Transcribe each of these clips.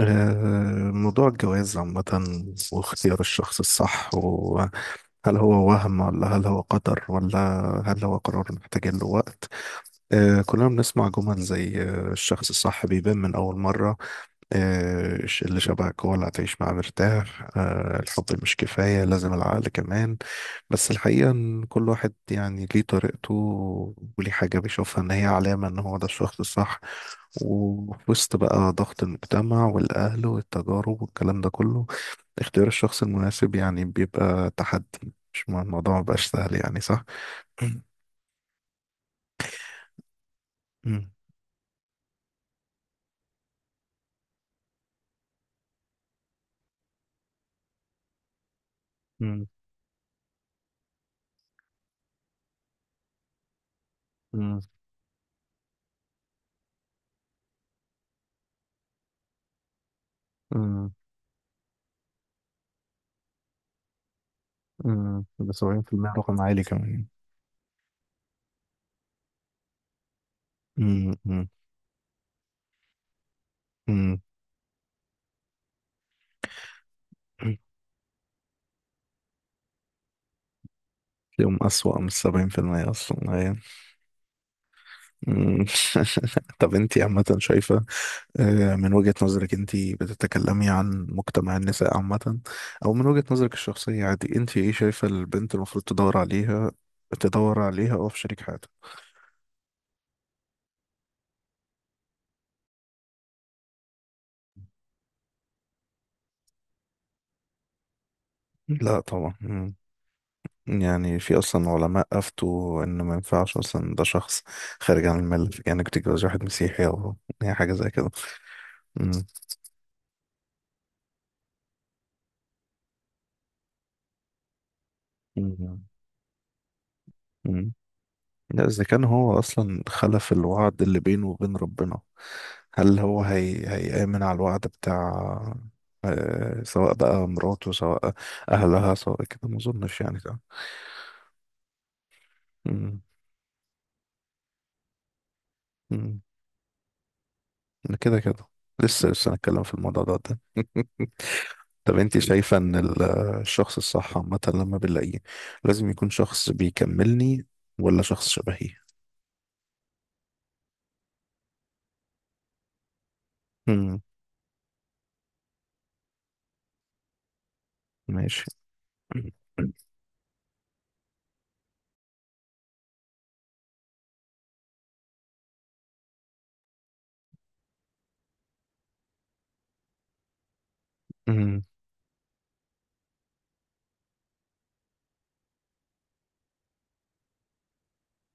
موضوع الجواز عامة، واختيار الشخص الصح، وهل هو وهم ولا هل هو قدر ولا هل هو قرار محتاج له وقت؟ كلنا بنسمع جمل زي الشخص الصح بيبان من أول مرة، آه، اللي شبهك هو اللي هتعيش معاه مرتاح، الحب مش كفاية، لازم العقل كمان. بس الحقيقة إن كل واحد يعني ليه طريقته، وليه حاجة بيشوفها إن هي علامة إن هو ده الشخص الصح. وفي وسط بقى ضغط المجتمع والأهل والتجارب والكلام ده كله، اختيار الشخص المناسب يعني بيبقى تحدي. مش الموضوع مبقاش سهل، يعني صح؟ مم. مم. مم. مم. مم. مم. ده 70% رقم عالي كمان. مم. مم. مم. تلاقيهم أسوأ من 70% أصلا هي. مم. طب أنت عامة شايفة، من وجهة نظرك؟ أنت بتتكلمي عن مجتمع النساء عامة أو من وجهة نظرك الشخصية؟ عادي، أنت إيه شايفة البنت المفروض تدور عليها، أو في شريك حياتها؟ لا طبعا. مم. يعني في أصلا علماء أفتوا إن ما ينفعش أصلا، ده شخص خارج عن الملة، يعني إنك تتجوز واحد مسيحي، أو يعني حاجة زي كده. مم. مم. مم. لا، إذا كان هو أصلا خلف الوعد اللي بينه وبين ربنا، هل هو هيأمن على الوعد بتاع، سواء بقى مراته، سواء أهلها، سواء كده؟ ما أظنش يعني ده. مم. مم. كده كده، لسه لسه هنتكلم في الموضوع ده قدام. طب انت شايفة ان الشخص الصح عامة لما بنلاقيه لازم يكون شخص بيكملني، ولا شخص شبهي؟ امم. ماشي. مم.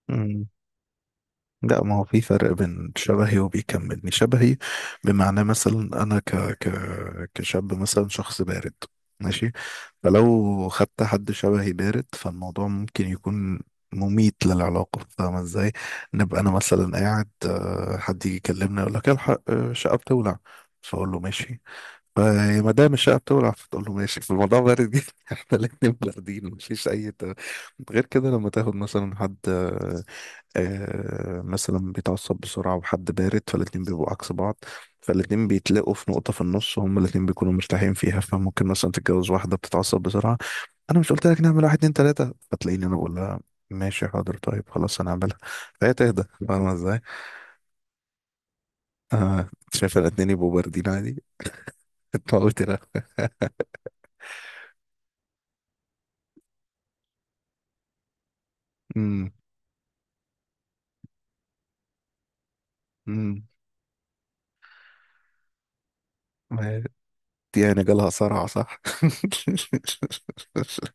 مم. لا، ما هو في فرق بين شبهي وبيكملني. شبهي بمعنى مثلا انا كشاب مثلا شخص بارد، ماشي، فلو خدت حد شبهي بارد فالموضوع ممكن يكون مميت للعلاقة. فاهمة ازاي؟ نبقى انا مثلا قاعد، حد يجي يكلمني يقول لك الحق، الشقة بتولع، فاقول له ماشي. فما دام الشقة بتولع فتقول له ماشي، فالموضوع بارد جدا. احنا الاتنين باردين، مفيش اي غير كده. لما تاخد مثلا حد، مثلا بيتعصب بسرعة، وحد بارد، فالاتنين بيبقوا عكس بعض. فالاتنين بيتلاقوا في نقطة في النص، وهم الاتنين بيكونوا مرتاحين فيها. فممكن مثلا تتجوز واحدة بتتعصب بسرعة، أنا مش قلت لك نعمل واحد اتنين تلاتة؟ فتلاقيني أنا بقول لها ماشي، حاضر، طيب، خلاص هنعملها، فهي تهدى. فاهمة ازاي؟ شايف الاتنين يبقوا باردين عادي. انت قلت لا. امم. امم. دي يعني جالها صرع صح؟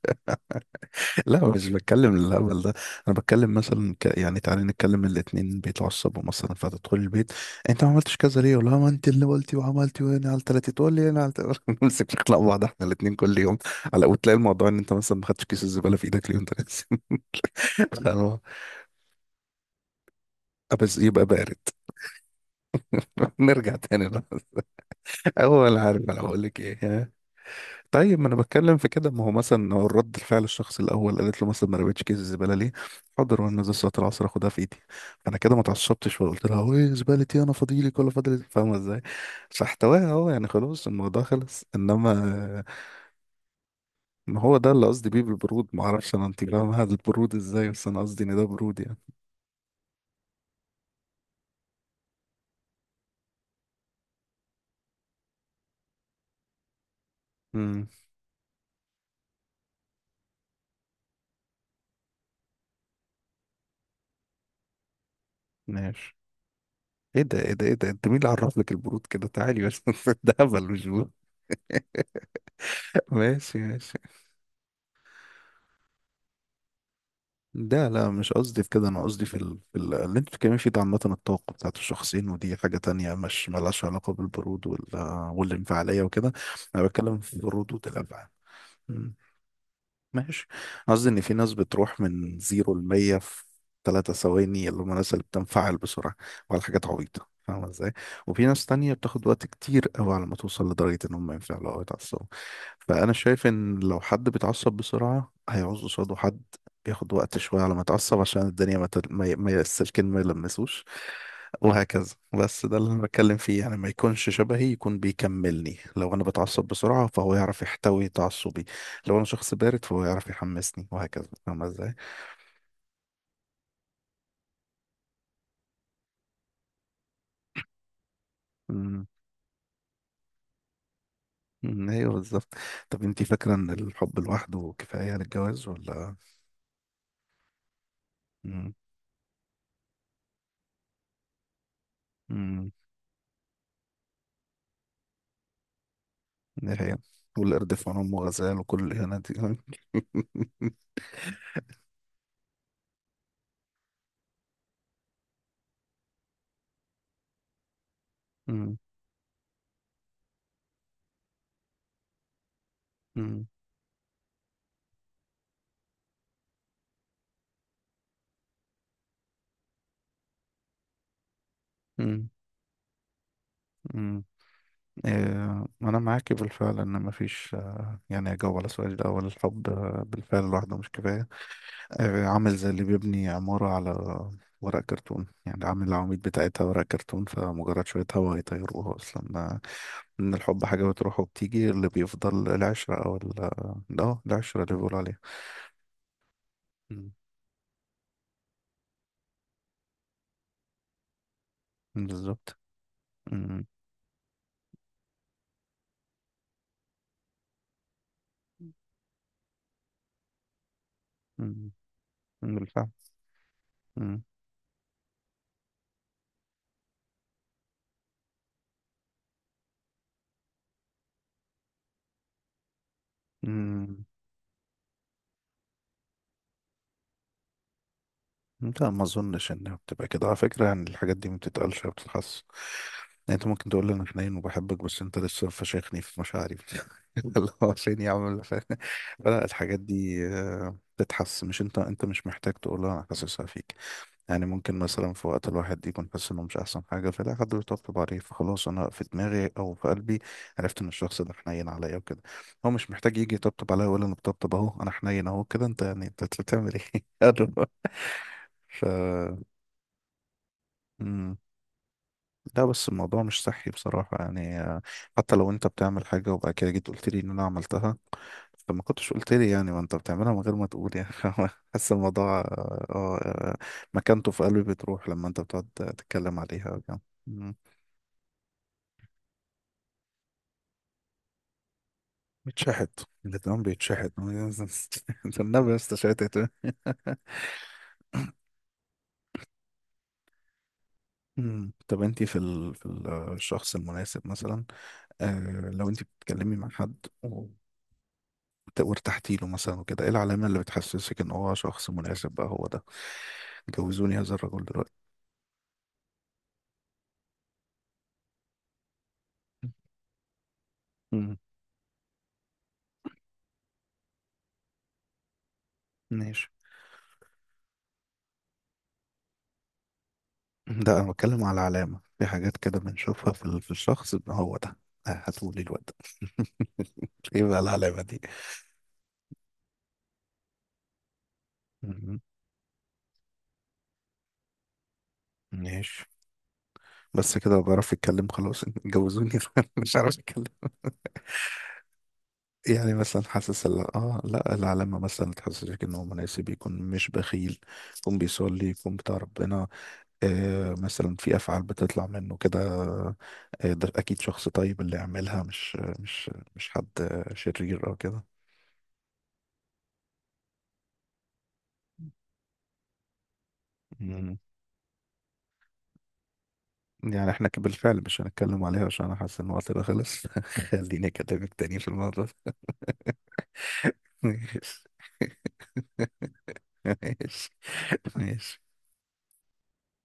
لا، مش بتكلم الهبل ده. انا بتكلم مثلا يعني تعالي نتكلم الاتنين بيتعصبوا مثلا، فتدخل البيت، انت ما عملتش كذا ليه؟ ولا ما انت اللي قلتي وعملتي؟ وانا على تلاتة، تقول لي انا على تلاتة، نمسك نخلق بعض احنا الاتنين كل يوم. على، وتلاقي الموضوع ان انت مثلا ما خدتش كيس الزباله في ايدك اليوم ده. بس يبقى بارد. نرجع تاني بقى. اول، عارف انا بقول لك ايه؟ طيب، ما انا بتكلم في كده. ما هو مثلا، هو الرد الفعل الشخص الاول قالت له مثلا ما رميتش كيس الزباله ليه، حاضر وانا نازل صلاه العصر اخدها في ايدي. فانا كده ما اتعصبتش، وقلت لها ايه، زبالتي انا فاضيلك ولا فاضل؟ فاهمه ازاي؟ فاحتواها اهو، يعني خلاص الموضوع خلص. انما ما هو ده اللي قصدي بيه بالبرود. ما اعرفش انا انت فاهمه هذا البرود ازاي، بس انا قصدي ان ده برود يعني. امم. ماشي. ايه ده؟ ايه ده؟ ايه ده؟ انت مين اللي عرف لك البرود كده؟ تعالي بس. ده هبل مش برود. ماشي، ماشي. ده لا، مش قصدي في كده. انا قصدي في اللي انت بتتكلمي فيه ده، عامه الطاقه بتاعت الشخصين، ودي حاجه تانية مش ملهاش علاقه بالبرود والانفعاليه وكده. انا بتكلم في البرود والتلبع. ماشي. قصدي ان في ناس بتروح من 0 لمية في 3 ثواني، اللي هم الناس اللي بتنفعل بسرعة وعلى حاجات عبيطة. فاهمة ازاي؟ وفي ناس تانية بتاخد وقت كتير قوي على ما توصل لدرجة ان هم ينفعلوا او يتعصبوا. فأنا شايف ان لو حد بيتعصب بسرعة هيعوز قصاده حد بياخد وقت شوية على ما يتعصب، عشان الدنيا ما, تل... ما, ي... ما ي- السلكين ما يلمسوش، وهكذا. بس ده اللي انا بتكلم فيه، يعني ما يكونش شبهي، يكون بيكملني. لو انا بتعصب بسرعة فهو يعرف يحتوي تعصبي، لو انا شخص بارد فهو يعرف يحمسني، وهكذا. فاهمة ازاي؟ أمم، أمم، ايوه بالظبط. طب انتي فاكرة ان الحب لوحده كفاية للجواز ولا؟ أمم، أمم، دي هي، والقرد في عين أمه غزال وكل الإهانة دي. أمم، أمم، أمم، أمم. إيه، أنا معاكي بالفعل إن مفيش. يعني أجاوب على السؤال ده أول، الحب بالفعل لوحده مش كفاية. عامل زي اللي بيبني عمارة على ورق كرتون، يعني عامل العواميد بتاعتها ورق كرتون، فمجرد شوية هوا يطيروها أصلا. من الحب حاجة بتروح وبتيجي، اللي بيفضل العشرة أو ال اه العشرة اللي بيقولوا عليها. مم. بالظبط. مم. مم. بالفعل. مم. مم. لا، ما اظنش انها بتبقى كده على فكره. يعني الحاجات دي ما بتتقالش، ما بتتحس. يعني انت ممكن تقول لي انا حنين وبحبك، بس انت لسه فشخني في مشاعري، اللي هو عشان يعمل فلا، الحاجات دي بتتحس، مش انت مش محتاج تقولها، انا حاسسها فيك. يعني ممكن مثلا في وقت الواحد يكون حاسس انه مش احسن حاجه، فلا حد بيطبطب عليه، فخلاص انا في دماغي او في قلبي عرفت ان الشخص ده حنين عليا وكده. هو مش محتاج يجي يطبطب عليا، ولا انا بطبطب اهو انا حنين اهو كده انت، يعني انت بتعمل ايه؟ ف مم. لا، بس الموضوع مش صحي بصراحة، يعني، حتى لو انت بتعمل حاجة وبعد كده جيت قلت لي ان انا عملتها، فما كنتش قلت لي يعني، ما انت بتعملها من غير ما تقول يعني. حاسس الموضوع مكانته في قلبي بتروح لما انت بتقعد تتكلم عليها، يعني. مم. بيتشحت، الاتنين بيتشحت. النبي يا اسطى شحتت. مم. طب انت في الشخص المناسب مثلا، لو انت بتتكلمي مع حد وارتحتي له مثلا وكده، ايه العلامة اللي بتحسسك ان هو شخص مناسب بقى هو ده، جوزوني هذا الرجل دلوقتي؟ مم. ماشي. ده انا بتكلم على علامة، في حاجات كده بنشوفها في في الشخص ان هو ده، هاتولي الواد ده. ايه بقى العلامة دي؟ مم. ماشي. بس كده بعرف اتكلم خلاص؟ جوزوني. مش عارف اتكلم؟ يعني مثلا حاسس ال- اه لا العلامة مثلا تحسسك ان هو مناسب، يكون مش بخيل، يكون بيصلي، يكون بتاع ربنا، مثلا في افعال بتطلع منه كده، ده اكيد شخص طيب اللي يعملها، مش حد شرير او كده. مم. يعني احنا بالفعل مش هنتكلم عليها، عشان انا حاسس ان وقتنا خلص. خليني اكلمك تاني في الموضوع ده. ماشي، ماشي، ماشي.